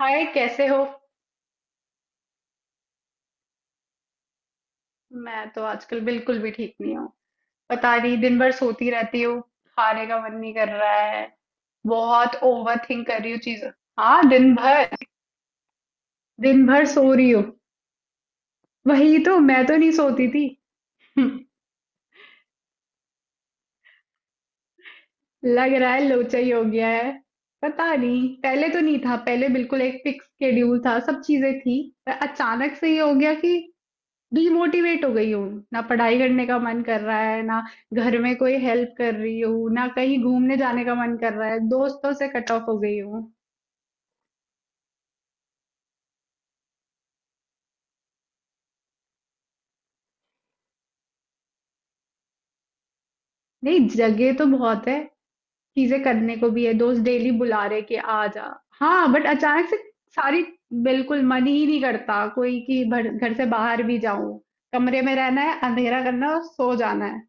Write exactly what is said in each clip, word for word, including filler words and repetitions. हाय, कैसे हो। मैं तो आजकल बिल्कुल भी ठीक नहीं हूँ। पता नहीं, दिन भर सोती रहती हूँ। खाने का मन नहीं कर रहा है। बहुत ओवर थिंक कर रही हूँ चीजें। हाँ, दिन भर। दिन भर सो रही हूँ। वही तो, मैं तो नहीं सोती थी। लग रहा है लोचा ही हो गया है। पता नहीं, पहले तो नहीं था। पहले बिल्कुल एक फिक्स शेड्यूल था, सब चीजें थी। पर अचानक से ये हो गया कि डिमोटिवेट हो गई हूँ। ना पढ़ाई करने का मन कर रहा है, ना घर में कोई हेल्प कर रही हूँ, ना कहीं घूमने जाने का मन कर रहा है। दोस्तों से कट ऑफ हो गई हूँ। नहीं, जगह तो बहुत है। चीजें करने को भी है, दोस्त डेली बुला रहे कि आ जा। हाँ, बट अचानक से सारी बिल्कुल मन ही नहीं करता कोई कि भर- घर से बाहर भी जाऊं। कमरे में रहना है, अंधेरा करना है और सो जाना है।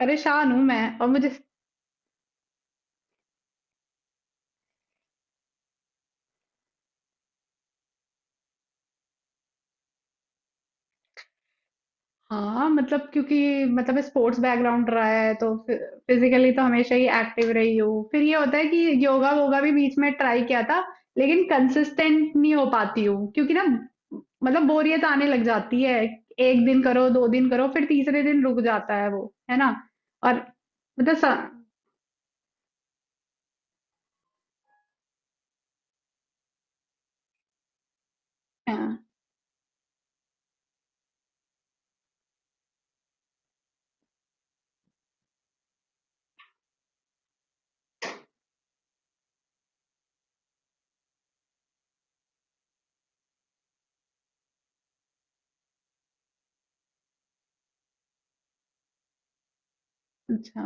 परेशान हूं मैं, और मुझे। हाँ मतलब, क्योंकि मतलब स्पोर्ट्स बैकग्राउंड रहा है तो फिजिकली तो हमेशा ही एक्टिव रही हूँ। फिर ये होता है कि योगा वोगा भी बीच में ट्राई किया था, लेकिन कंसिस्टेंट नहीं हो पाती हूँ, क्योंकि ना मतलब बोरियत आने लग जाती है। एक दिन करो, दो दिन करो, फिर तीसरे दिन रुक जाता है, वो है ना। और मतलब सा, हाँ, अच्छा।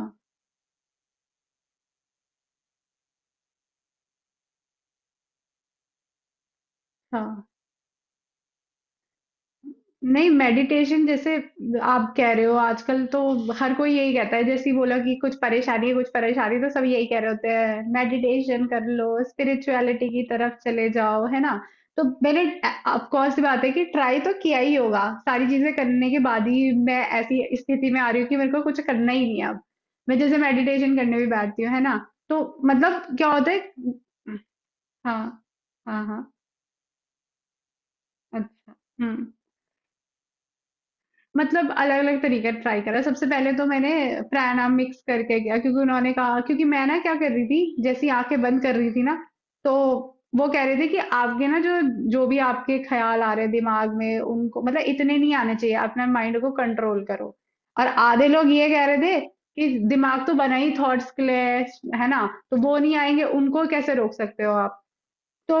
हाँ, नहीं मेडिटेशन जैसे आप कह रहे हो, आजकल तो हर कोई यही कहता है। जैसे ही बोला कि कुछ परेशानी है, कुछ परेशानी, तो सब यही कह रहे होते हैं मेडिटेशन कर लो, स्पिरिचुअलिटी की तरफ चले जाओ, है ना। तो मैंने ऑफ कोर्स बात है कि ट्राई तो किया ही होगा। सारी चीजें करने के बाद ही मैं ऐसी स्थिति में आ रही हूँ कि मेरे को कुछ करना ही नहीं है अब। मैं जैसे मेडिटेशन करने भी बैठती हूँ, है ना, तो मतलब क्या होता है। हाँ, हाँ, हाँ। अच्छा। हम्म। मतलब अलग-अलग तरीका ट्राई करा। सबसे पहले तो मैंने प्राणायाम मिक्स करके किया, क्योंकि उन्होंने कहा। क्योंकि मैं ना क्या कर रही थी, जैसे ही आँखें बंद कर रही थी ना, तो वो कह रहे थे कि आपके ना जो जो भी आपके ख़्याल आ रहे हैं दिमाग में, उनको मतलब इतने नहीं आने चाहिए, अपना माइंड को कंट्रोल करो। और आधे लोग ये कह रहे थे कि दिमाग तो बना ही थॉट्स के लिए है, है ना? तो वो नहीं आएँगे, उनको कैसे रोक सकते हो आप? तो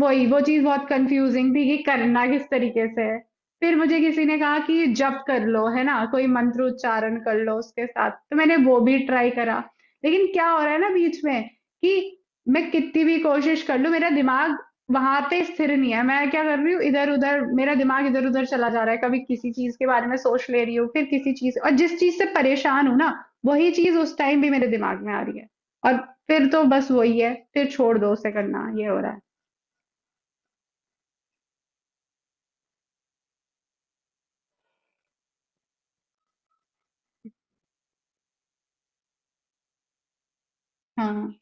वही वो चीज़ बहुत कंफ्यूजिंग थी कि करना किस तरीके से है। फिर मुझे किसी ने कहा कि जप कर लो, है ना, कोई मंत्र उच्चारण कर लो उसके साथ, तो मैंने वो भी ट्राई करा। लेकिन क्या हो रहा है ना बीच में कि मैं कितनी भी कोशिश कर लूं, मेरा दिमाग वहां पे स्थिर नहीं है। मैं क्या कर रही हूँ, इधर उधर मेरा दिमाग इधर उधर चला जा रहा है। कभी किसी चीज के बारे में सोच ले रही हूँ, फिर किसी चीज, और जिस चीज से परेशान हूँ ना, वही चीज उस टाइम भी मेरे दिमाग में आ रही है। और फिर तो बस वही है, फिर छोड़ दो उसे, करना ये हो रहा है। हाँ,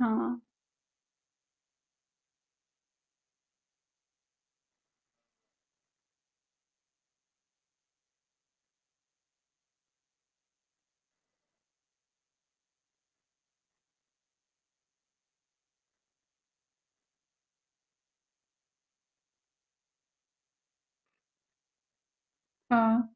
हाँ, हाँ।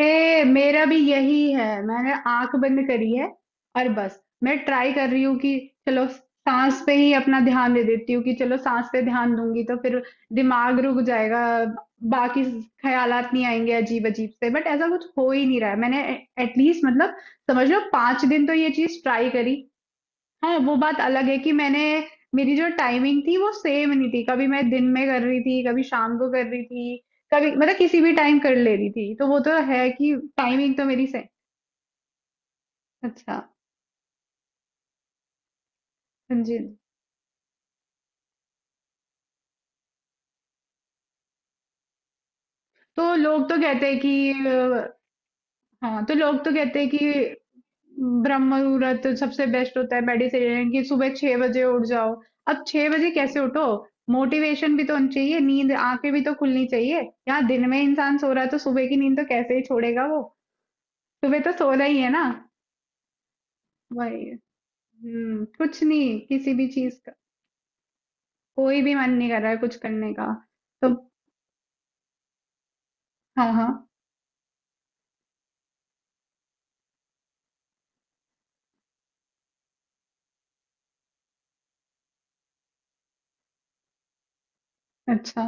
ए, मेरा भी यही है। मैंने आंख बंद करी है और बस मैं ट्राई कर रही हूँ कि चलो सांस पे ही अपना ध्यान दे देती हूँ। कि चलो सांस पे ध्यान दूंगी तो फिर दिमाग रुक जाएगा, बाकी ख्यालात नहीं आएंगे अजीब अजीब से। बट ऐसा कुछ हो ही नहीं रहा है। मैंने एटलीस्ट मतलब समझ लो पाँच दिन तो ये चीज ट्राई करी। हाँ, वो बात अलग है कि मैंने, मेरी जो टाइमिंग थी वो सेम नहीं थी। कभी मैं दिन में कर रही थी, कभी शाम को कर रही थी, कभी मतलब किसी भी टाइम कर ले रही थी। तो वो तो है कि टाइमिंग तो मेरी सही। अच्छा। हाँ जी। तो लोग तो कहते हैं कि अ, हाँ, तो लोग तो कहते हैं कि ब्रह्म मुहूर्त सबसे बेस्ट होता है मेडिटेशन कि सुबह छह बजे उठ जाओ। अब छह बजे कैसे उठो। मोटिवेशन भी तो होनी चाहिए, नींद, आंखें भी तो खुलनी चाहिए। यहाँ दिन में इंसान सो रहा है, तो सुबह की नींद तो कैसे ही छोड़ेगा वो। सुबह तो सोना ही है ना। वही। हम्म कुछ नहीं, किसी भी चीज का कोई भी मन नहीं कर रहा है, कुछ करने का। तो हाँ, हाँ। अच्छा।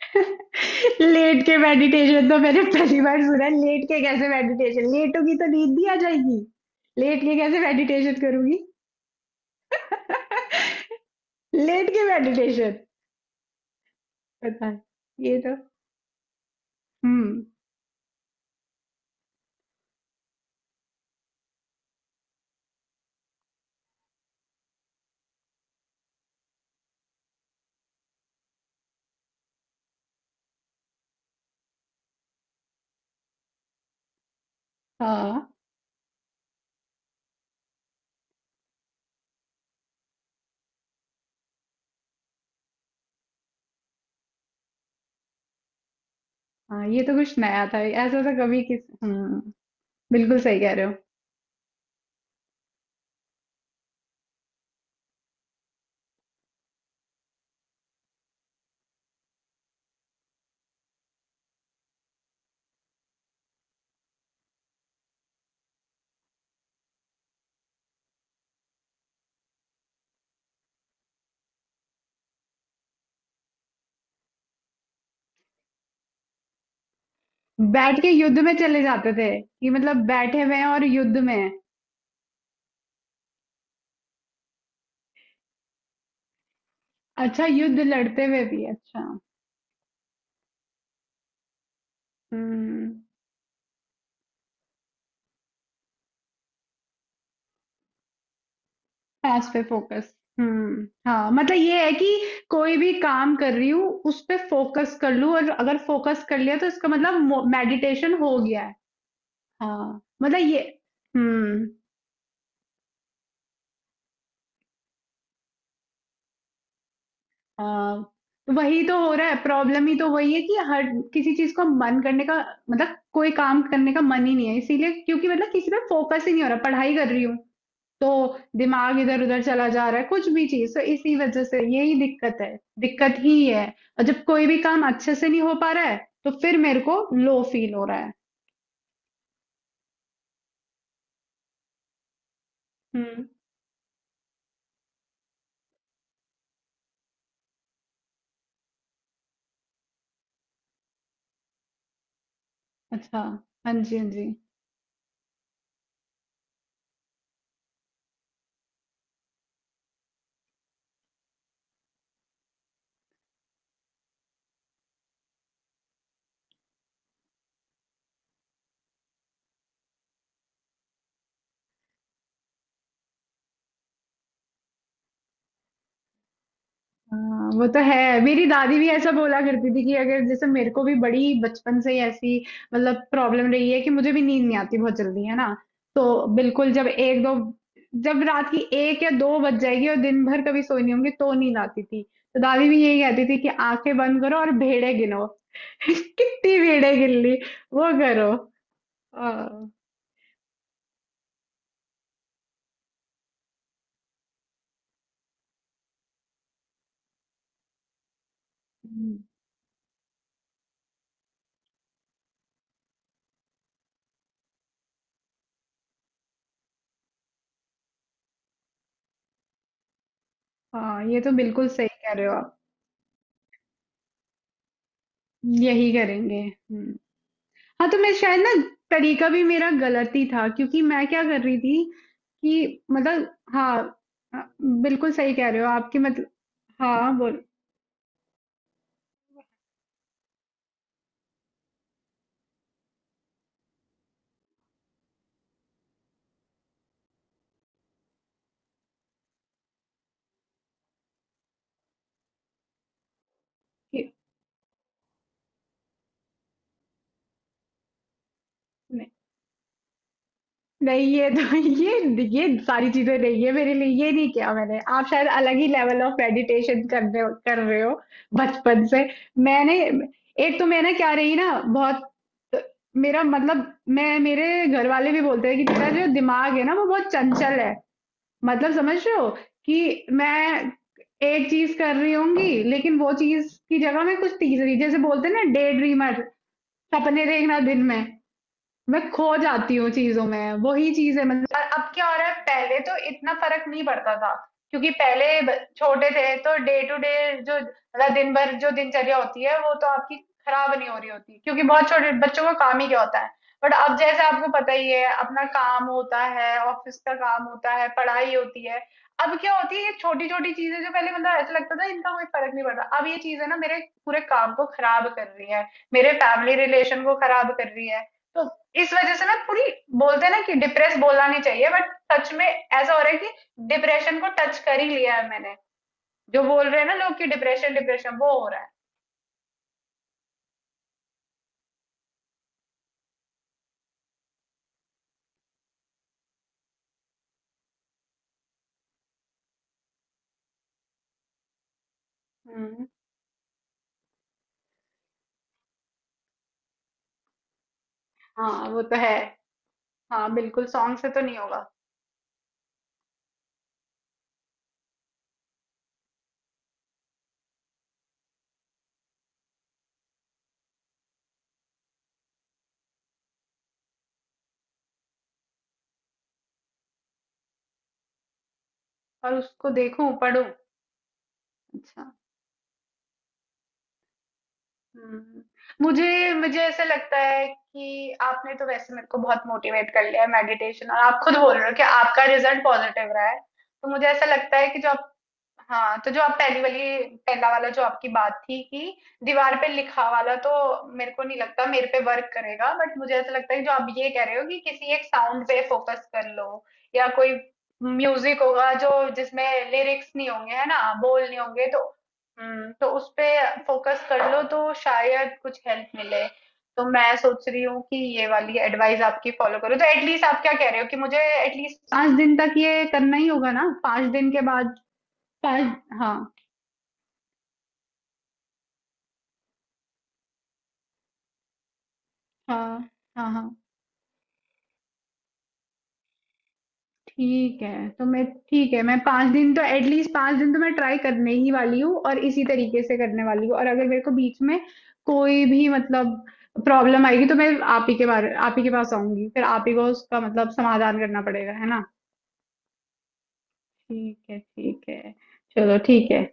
लेट के मेडिटेशन तो मैंने पहली बार सुना है। लेट के कैसे मेडिटेशन, लेटोगी तो नींद भी आ जाएगी। लेट के कैसे मेडिटेशन करूंगी। लेट के मेडिटेशन। पता है, ये तो। हम्म। हाँ, हाँ, ये तो कुछ नया था, ऐसा तो कभी किस हम्म। बिल्कुल सही कह रहे हो। बैठ के युद्ध में चले जाते थे कि मतलब बैठे हुए हैं और युद्ध में हैं। अच्छा, युद्ध लड़ते हुए भी, अच्छा। हम्म। पास पे फोकस। हम्म हाँ मतलब ये है कि कोई भी काम कर रही हूँ उस पे फोकस कर लूँ, और अगर फोकस कर लिया तो इसका मतलब मेडिटेशन हो गया है। हाँ, मतलब ये। हम्म। हाँ, तो वही तो हो रहा है। प्रॉब्लम ही तो वही है कि हर किसी चीज को मन करने का, मतलब कोई काम करने का मन ही नहीं है, इसीलिए। क्योंकि मतलब किसी पे फोकस ही नहीं हो रहा। पढ़ाई कर रही हूँ तो दिमाग इधर उधर चला जा रहा है, कुछ भी चीज। तो इसी वजह से यही दिक्कत है, दिक्कत ही ये है। और जब कोई भी काम अच्छे से नहीं हो पा रहा है तो फिर मेरे को लो फील हो रहा है। हम्म। अच्छा। हाँ जी, हाँ जी। हाँ, वो तो है। मेरी दादी भी ऐसा बोला करती थी कि अगर, जैसे मेरे को भी बड़ी बचपन से ही ऐसी मतलब प्रॉब्लम रही है कि मुझे भी नींद नहीं आती बहुत जल्दी, है ना। तो बिल्कुल, जब एक दो जब रात की एक या दो बज जाएगी और दिन भर कभी सोई नहीं होंगी तो नींद आती थी। तो दादी भी यही कहती थी कि आंखें बंद करो और भेड़े गिनो। कितनी भेड़े गिन ली, वो करो। हाँ। हम्म, हाँ, ये तो बिल्कुल सही कह रहे हो आप। यही करेंगे। हम्म। हाँ, तो मैं शायद ना, तरीका भी मेरा गलत ही था, क्योंकि मैं क्या कर रही थी कि मतलब हाँ, अ, बिल्कुल सही कह रहे हो आपकी मतलब। हाँ, बोल। कि- नहीं, नहीं, ये तो ये ये सारी चीजें नहीं है मेरे लिए, ये नहीं किया मैंने। आप शायद अलग ही लेवल ऑफ मेडिटेशन करने कर रहे हो बचपन से। मैंने, एक तो मैं ना क्या रही ना बहुत, मेरा मतलब, मैं, मेरे घर वाले भी बोलते हैं कि तेरा जो दिमाग है ना वो बहुत चंचल है। मतलब समझ रहे हो कि मैं एक चीज कर रही होंगी लेकिन वो चीज की जगह मैं कुछ तीसरी, जैसे बोलते हैं ना, डे ड्रीमर, सपने देखना दिन में। मैं खो जाती हूँ चीजों में, वही चीज है मतलब। और अब क्या हो रहा है, पहले तो इतना फर्क नहीं पड़ता था, क्योंकि पहले ब- छोटे थे, तो डे टू डे जो मतलब दिन भर जो दिनचर्या होती है वो तो आपकी खराब नहीं हो रही होती, क्योंकि बहुत छोटे बच्चों का काम ही क्या होता है। बट अब जैसे आपको पता ही है, अपना काम होता है, ऑफिस का काम होता है, पढ़ाई होती है। अब क्या होती है ये छोटी छोटी चीजें जो पहले मतलब ऐसा लगता था इनका कोई फर्क नहीं पड़ता, अब ये चीजें ना मेरे पूरे काम को खराब कर रही है, मेरे फैमिली रिलेशन को खराब कर रही है। तो इस वजह से ना पूरी, बोलते हैं ना कि डिप्रेस बोलना नहीं चाहिए, बट सच में ऐसा हो रहा है कि डिप्रेशन को टच कर ही लिया है मैंने। जो बोल रहे हैं ना लोग कि डिप्रेशन, डिप्रेशन वो हो रहा है। हम्म। हाँ, वो तो है। हाँ, बिल्कुल, सॉन्ग से तो नहीं होगा। और उसको देखूं, पढूं। अच्छा। हम्म। मुझे मुझे ऐसा लगता है कि आपने तो वैसे मेरे को बहुत मोटिवेट कर लिया है मेडिटेशन, और आप खुद बोल रहे हो कि आपका रिजल्ट पॉजिटिव रहा है, तो मुझे ऐसा लगता है कि जो, हाँ, तो जो आप पहली वाली पहला वाला जो आपकी बात थी कि दीवार पे लिखा वाला, तो मेरे को नहीं लगता मेरे पे वर्क करेगा। बट मुझे ऐसा लगता है जो आप ये कह रहे हो कि किसी एक साउंड पे फोकस कर लो, या कोई म्यूजिक होगा जो जिसमें लिरिक्स नहीं होंगे, है ना, बोल नहीं होंगे, तो हम्म, तो उस पे फोकस कर लो, तो शायद कुछ हेल्प मिले। तो मैं सोच रही हूँ कि ये वाली एडवाइस आपकी फॉलो करो, तो एटलीस्ट, आप क्या कह रहे हो कि मुझे एटलीस्ट पाँच दिन तक ये करना ही होगा ना, पाँच दिन के बाद। पाँच हाँ, हाँ, हाँ, हाँ, ठीक है। तो मैं, ठीक है मैं पाँच दिन तो, एटलीस्ट पाँच दिन तो मैं ट्राई करने ही वाली हूँ, और इसी तरीके से करने वाली हूँ। और अगर मेरे को बीच में कोई भी मतलब प्रॉब्लम आएगी तो मैं, आप ही के बारे आप ही के पास आऊंगी, फिर आप ही को उसका मतलब समाधान करना पड़ेगा, है ना। ठीक है, ठीक है, चलो ठीक है।